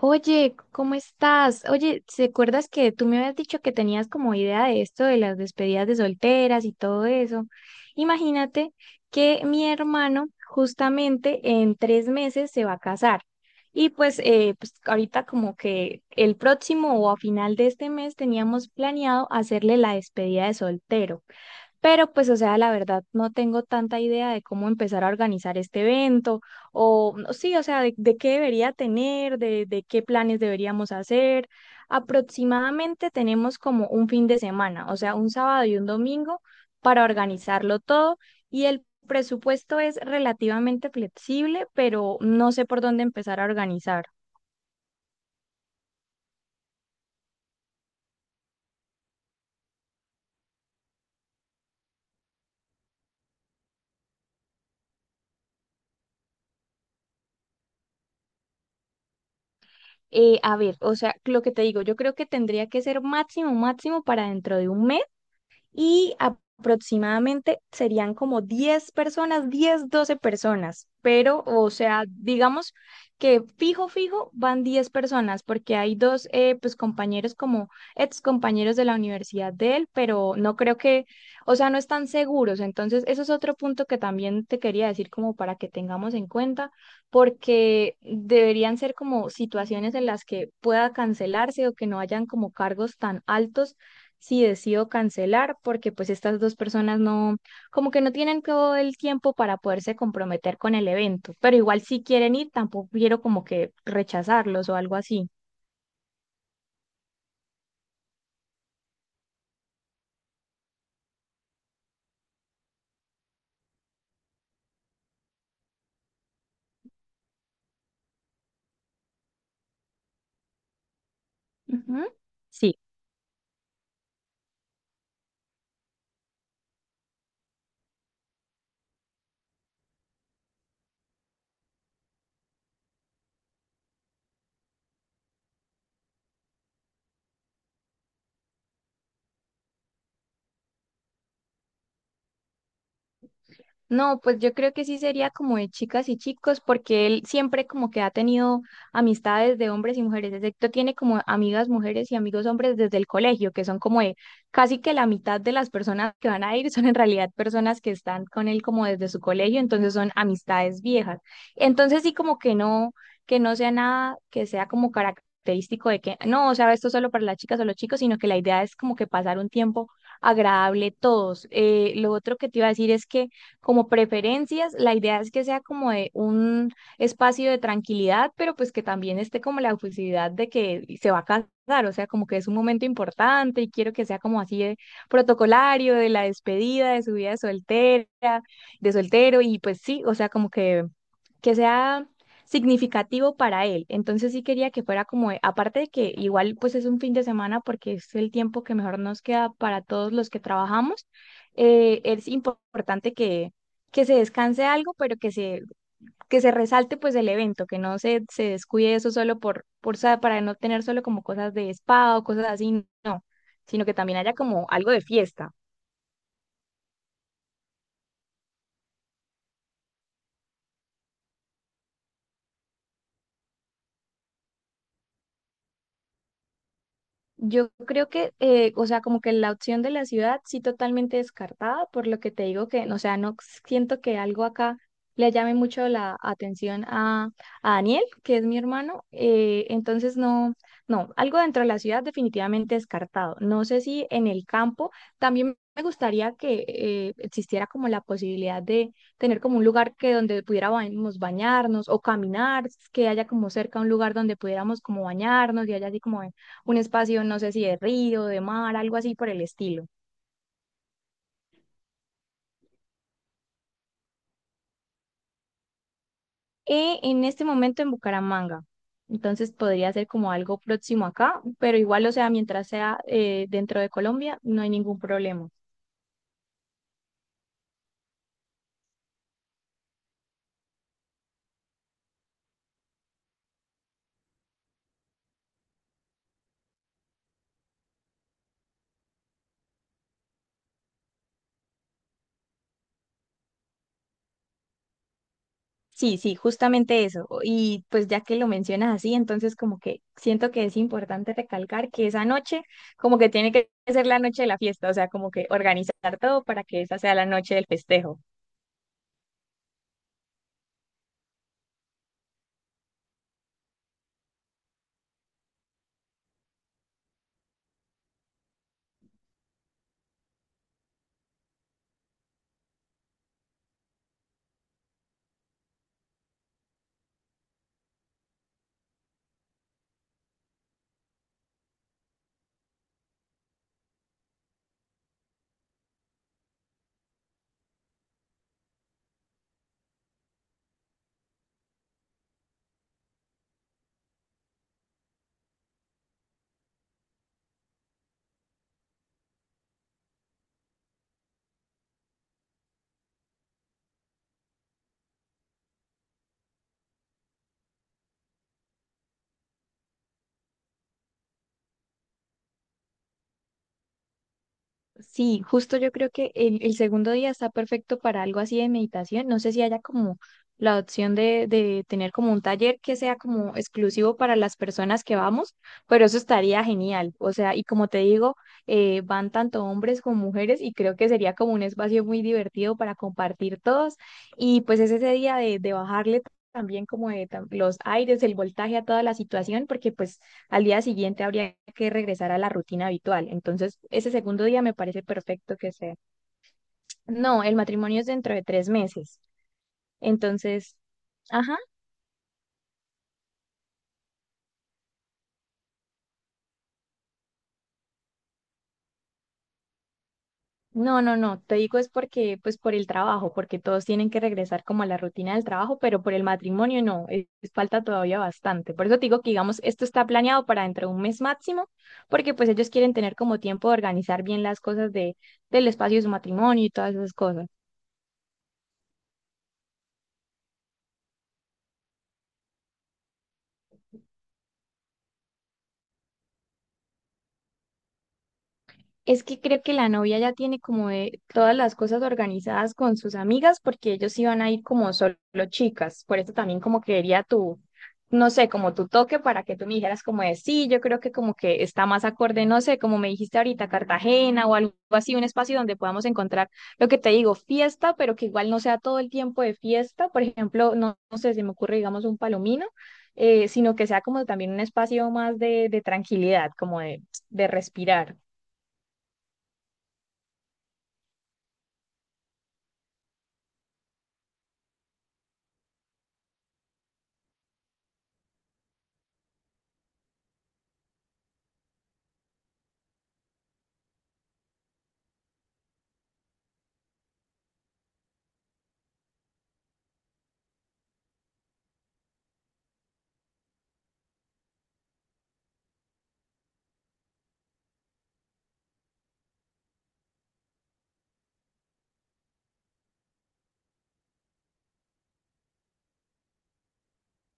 Oye, ¿cómo estás? Oye, ¿te acuerdas que tú me habías dicho que tenías como idea de esto de las despedidas de solteras y todo eso? Imagínate que mi hermano justamente en 3 meses se va a casar. Y pues, ahorita como que el próximo o a final de este mes teníamos planeado hacerle la despedida de soltero. Pero pues, o sea, la verdad, no tengo tanta idea de cómo empezar a organizar este evento, o no, sí, o sea, de qué debería tener, de qué planes deberíamos hacer. Aproximadamente tenemos como un fin de semana, o sea, un sábado y un domingo para organizarlo todo y el presupuesto es relativamente flexible, pero no sé por dónde empezar a organizar. A ver, o sea, lo que te digo, yo creo que tendría que ser máximo, máximo para dentro de un mes y aproximadamente serían como 10 personas, 10, 12 personas, pero o sea, digamos que fijo, fijo van 10 personas porque hay dos pues compañeros como ex compañeros de la universidad de él, pero no creo que, o sea, no están seguros, entonces eso es otro punto que también te quería decir como para que tengamos en cuenta porque deberían ser como situaciones en las que pueda cancelarse o que no hayan como cargos tan altos si decido cancelar, porque pues estas dos personas no, como que no tienen todo el tiempo para poderse comprometer con el evento, pero igual si quieren ir, tampoco quiero como que rechazarlos o algo así. Ujú. Sí. No, pues yo creo que sí sería como de chicas y chicos, porque él siempre como que ha tenido amistades de hombres y mujeres, excepto tiene como amigas mujeres y amigos hombres desde el colegio, que son como de casi que la mitad de las personas que van a ir son en realidad personas que están con él como desde su colegio, entonces son amistades viejas. Entonces sí como que no sea nada que sea como característico de que no, o sea, esto solo para las chicas o los chicos, sino que la idea es como que pasar un tiempo agradable todos. Lo otro que te iba a decir es que como preferencias. La idea es que sea como de un espacio de tranquilidad, pero pues que también esté como la oficialidad de que se va a casar, o sea, como que es un momento importante y quiero que sea como así de protocolario, de la despedida, de su vida de soltera, de soltero y pues sí, o sea, como que sea significativo para él. Entonces sí quería que fuera como, aparte de que igual pues es un fin de semana porque es el tiempo que mejor nos queda para todos los que trabajamos, es importante que se descanse algo, pero que se resalte pues el evento, que no se descuide eso solo para no tener solo como cosas de spa o cosas así, no, sino que también haya como algo de fiesta. Yo creo que, o sea, como que la opción de la ciudad sí totalmente descartada, por lo que te digo que, no, o sea, no siento que algo acá le llame mucho la atención a Daniel, que es mi hermano. Entonces, no, no, algo dentro de la ciudad definitivamente descartado. No sé si en el campo también me gustaría que existiera como la posibilidad de tener como un lugar que donde pudiéramos bañarnos o caminar, que haya como cerca un lugar donde pudiéramos como bañarnos y haya así como un espacio, no sé si de río, de mar, algo así por el estilo. Y en este momento en Bucaramanga. Entonces podría ser como algo próximo acá, pero igual, o sea, mientras sea dentro de Colombia, no hay ningún problema. Sí, sí, justamente eso. Y pues ya que lo mencionas así, entonces como que siento que es importante recalcar que esa noche como que tiene que ser la noche de la fiesta, o sea, como que organizar todo para que esa sea la noche del festejo. Sí, justo yo creo que el segundo día está perfecto para algo así de meditación. No sé si haya como la opción de tener como un taller que sea como exclusivo para las personas que vamos, pero eso estaría genial. O sea, y como te digo, van tanto hombres como mujeres y creo que sería como un espacio muy divertido para compartir todos. Y pues es ese día de bajarle también como de los aires, el voltaje a toda la situación, porque pues al día siguiente habría que regresar a la rutina habitual. Entonces, ese segundo día me parece perfecto que sea. No, el matrimonio es dentro de 3 meses. Entonces, ajá, no, no, no, te digo es porque, pues por el trabajo, porque todos tienen que regresar como a la rutina del trabajo, pero por el matrimonio no, es, falta todavía bastante. Por eso te digo que, digamos, esto está planeado para dentro de un mes máximo, porque pues ellos quieren tener como tiempo de organizar bien las cosas del espacio de su matrimonio y todas esas cosas. Es que creo que la novia ya tiene como de todas las cosas organizadas con sus amigas porque ellos iban a ir como solo chicas. Por eso también como que quería tu, no sé, como tu toque para que tú me dijeras como de sí, yo creo que como que está más acorde, no sé, como me dijiste ahorita, Cartagena o algo así, un espacio donde podamos encontrar lo que te digo, fiesta, pero que igual no sea todo el tiempo de fiesta. Por ejemplo, no, no sé, se me ocurre, digamos, un palomino. Sino que sea como también un espacio más de tranquilidad, como de respirar.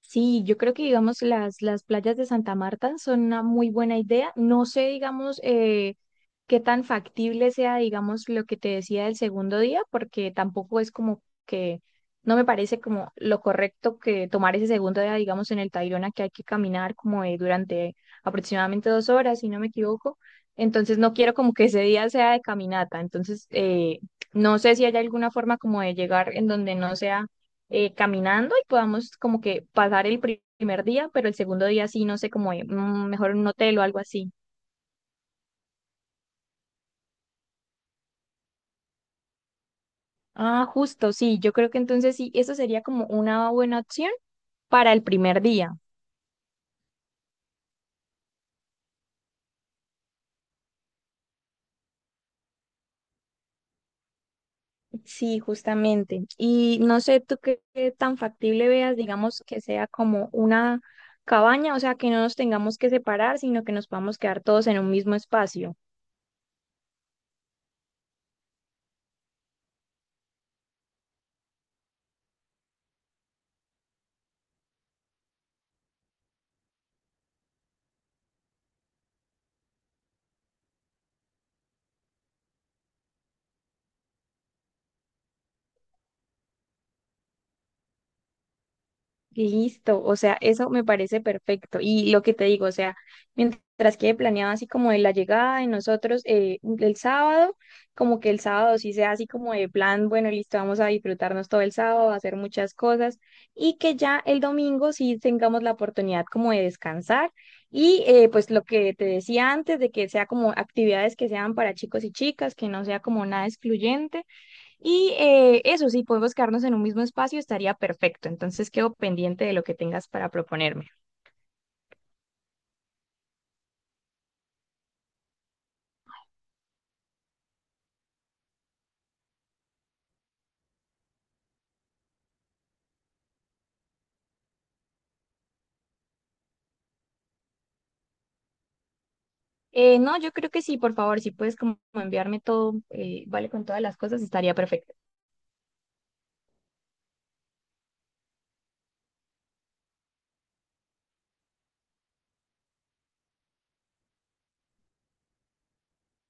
Sí, yo creo que digamos las playas de Santa Marta son una muy buena idea. No sé, digamos, qué tan factible sea, digamos, lo que te decía del segundo día, porque tampoco es como que no me parece como lo correcto que tomar ese segundo día, digamos, en el Tayrona, que hay que caminar como durante aproximadamente 2 horas, si no me equivoco. Entonces no quiero como que ese día sea de caminata. Entonces, no sé si hay alguna forma como de llegar en donde no sea caminando y podamos como que pasar el primer día, pero el segundo día sí, no sé, como mejor en un hotel o algo así. Ah, justo, sí, yo creo que entonces sí, eso sería como una buena opción para el primer día. Sí, justamente. Y no sé tú qué tan factible veas, digamos, que sea como una cabaña, o sea, que no nos tengamos que separar, sino que nos podamos quedar todos en un mismo espacio. Listo, o sea, eso me parece perfecto. Y lo que te digo, o sea, mientras quede planeado así como de la llegada de nosotros el sábado, como que el sábado sí sea así como de plan, bueno, listo, vamos a disfrutarnos todo el sábado, a hacer muchas cosas, y que ya el domingo sí tengamos la oportunidad como de descansar. Y pues lo que te decía antes, de que sea como actividades que sean para chicos y chicas, que no sea como nada excluyente. Y eso, si podemos quedarnos en un mismo espacio, estaría perfecto. Entonces quedo pendiente de lo que tengas para proponerme. No, yo creo que sí, por favor, si puedes como enviarme todo, vale, con todas las cosas, estaría perfecto.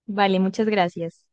Vale, muchas gracias.